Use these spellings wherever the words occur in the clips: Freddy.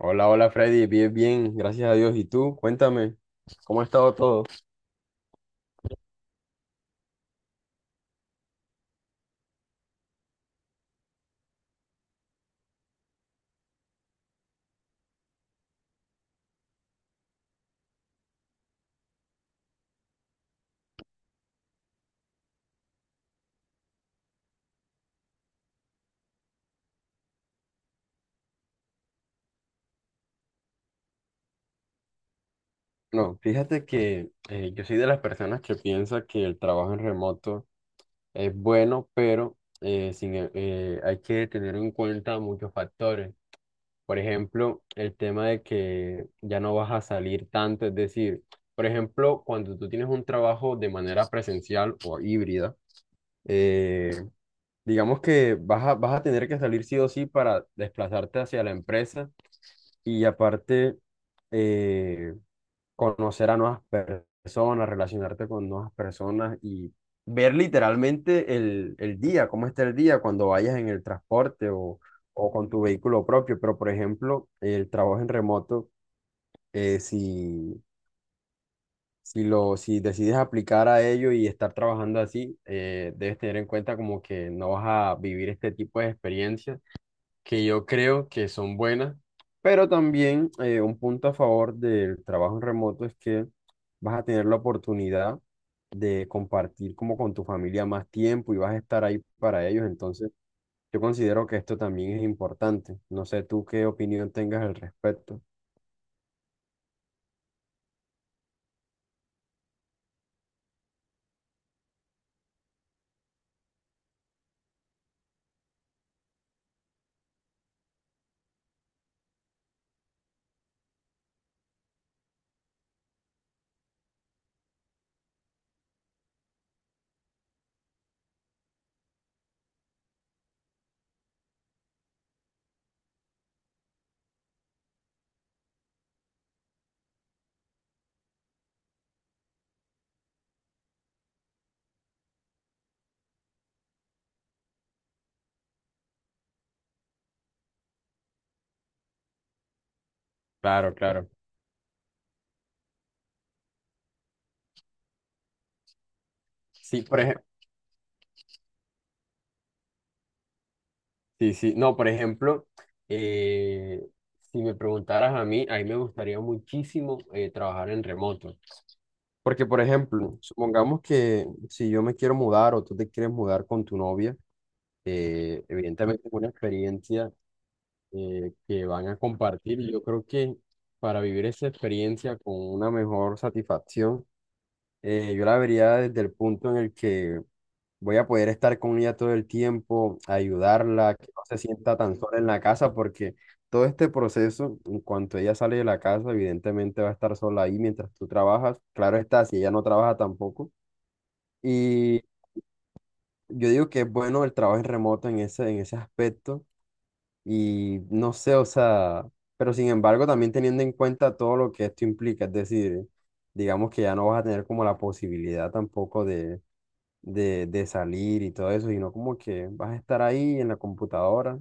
Hola, hola Freddy, bien, bien, gracias a Dios. ¿Y tú? Cuéntame, ¿cómo ha estado todo? No, fíjate que yo soy de las personas que piensa que el trabajo en remoto es bueno, pero sin, e- hay que tener en cuenta muchos factores. Por ejemplo, el tema de que ya no vas a salir tanto, es decir, por ejemplo, cuando tú tienes un trabajo de manera presencial o híbrida, eh, digamos que vas a tener que salir sí o sí para desplazarte hacia la empresa y aparte eh, conocer a personas, relacionarte con nuevas personas y ver literalmente el día, cómo está el día cuando vayas en el transporte o con tu vehículo propio. Pero, por ejemplo, el trabajo en remoto, eh, si, si decides aplicar a ello y estar trabajando así, debes tener en cuenta como que no vas a vivir este tipo de experiencias que yo creo que son buenas, pero también un punto a favor del trabajo en remoto es que vas a tener la oportunidad de compartir como con tu familia más tiempo y vas a estar ahí para ellos, entonces yo considero que esto también es importante. No sé tú qué opinión tengas al respecto. Claro, claro. Sí, por ejemplo, sí, sí. No, por ejemplo, eh, si me preguntaras a mí me gustaría muchísimo trabajar en remoto. Porque, por ejemplo, supongamos que si yo me quiero mudar o tú te quieres mudar con tu novia, evidentemente es una experiencia que van a compartir. Yo creo que para vivir esa experiencia con una mejor satisfacción, yo la vería desde el punto en el que voy a poder estar con ella todo el tiempo, ayudarla, que no se sienta tan sola en la casa, porque todo este proceso, en cuanto ella sale de la casa, evidentemente va a estar sola ahí mientras tú trabajas. Claro está, si ella no trabaja tampoco. Y yo digo que es bueno el trabajo en remoto en en ese aspecto. Y no sé, o sea, pero sin embargo también teniendo en cuenta todo lo que esto implica, es decir, digamos que ya no vas a tener como la posibilidad tampoco de salir y todo eso, sino como que vas a estar ahí en la computadora.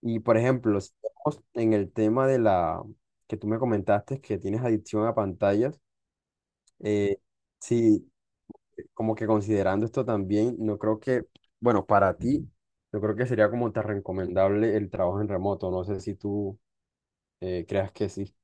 Y por ejemplo, si vemos en el tema de la que tú me comentaste que tienes adicción a pantallas, eh, sí, como que considerando esto también, no creo que, bueno, para ti, yo creo que sería como tan recomendable el trabajo en remoto. No sé si tú creas que sí.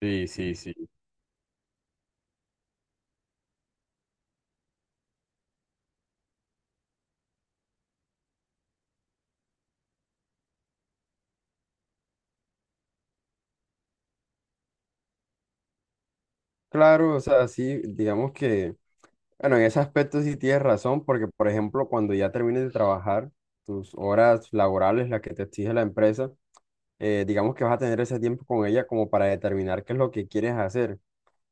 Sí, sí, sí. Claro, o sea, sí, digamos que, bueno, en ese aspecto sí tienes razón, porque por ejemplo, cuando ya termines de trabajar, tus horas laborales, las que te exige la empresa, digamos que vas a tener ese tiempo con ella como para determinar qué es lo que quieres hacer.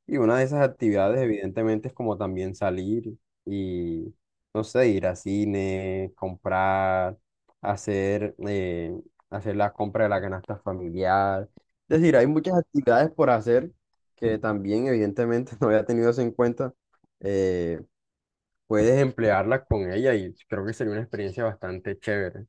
Y una de esas actividades, evidentemente, es como también salir y, no sé, ir a cine, comprar, hacer, eh, hacer la compra de la canasta familiar. Es decir, hay muchas actividades por hacer que también, evidentemente, no había tenido eso en cuenta. Eh, Puedes emplearlas con ella y creo que sería una experiencia bastante chévere.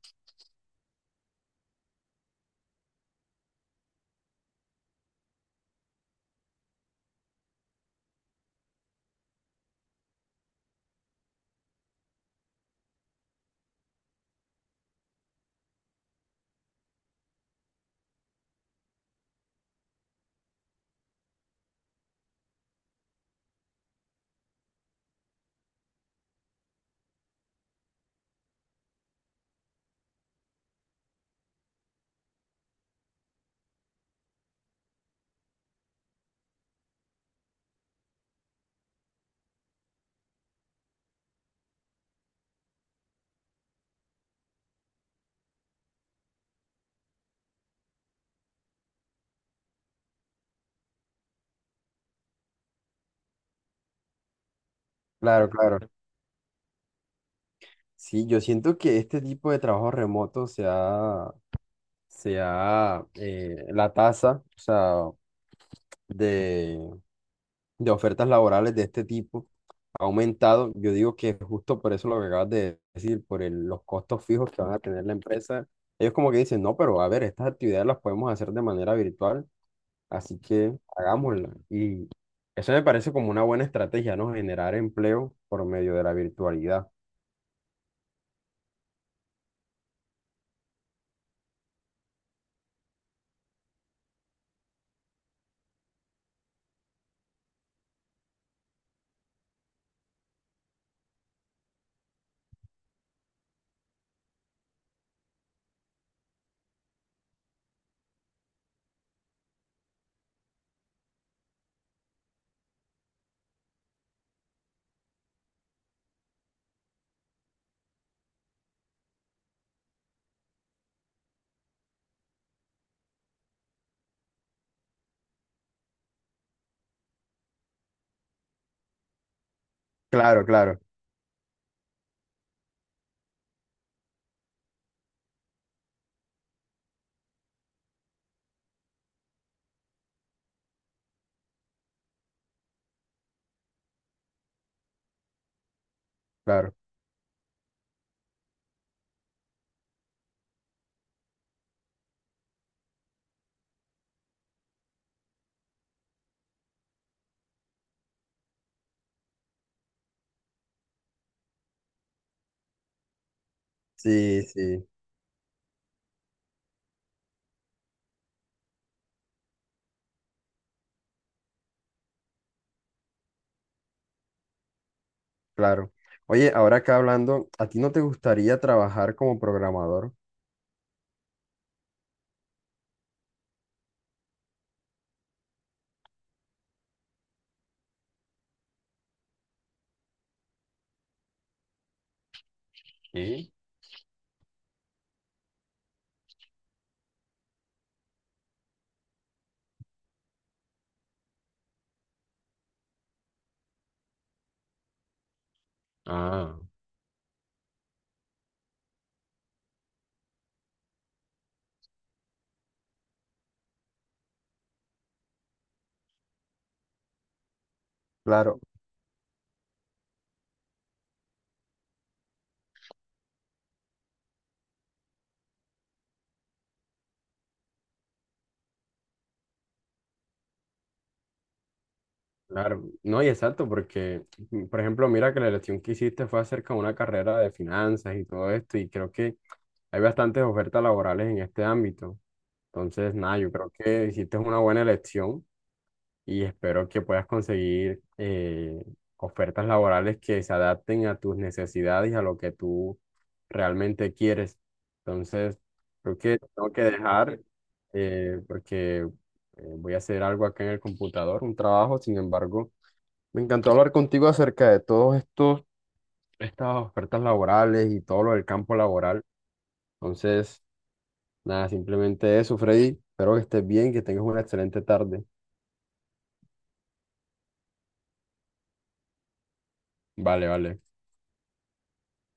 Claro, claro. Sí, yo siento que este tipo de trabajo remoto la tasa, o sea, de, de ofertas laborales de este tipo ha aumentado. Yo digo que justo por eso lo que acabas de decir, por los costos fijos que van a tener la empresa, ellos como que dicen, no, pero a ver, estas actividades las podemos hacer de manera virtual, así que hagámoslas. Y eso me parece como una buena estrategia, ¿no? Generar empleo por medio de la virtualidad. Claro, claro, claro. Sí, sí, claro. Oye, ahora acá hablando, ¿a ti no te gustaría trabajar como programador? Sí. Ah, claro. Claro, no, y exacto, porque, mm, por ejemplo, mira que la elección que hiciste fue acerca de una carrera de finanzas y todo esto, y creo que hay bastantes ofertas laborales en este ámbito. Entonces, nada, yo creo que hiciste una buena elección y espero que puedas conseguir ofertas laborales que se adapten a tus necesidades y a lo que tú realmente quieres. Entonces, creo que tengo que dejar porque voy a hacer algo acá en el computador, un trabajo, sin embargo. Me encantó hablar contigo acerca de estas ofertas laborales y todo lo del campo laboral. Entonces, nada, simplemente eso, Freddy. Espero que estés bien, que tengas una excelente tarde. Vale, vale.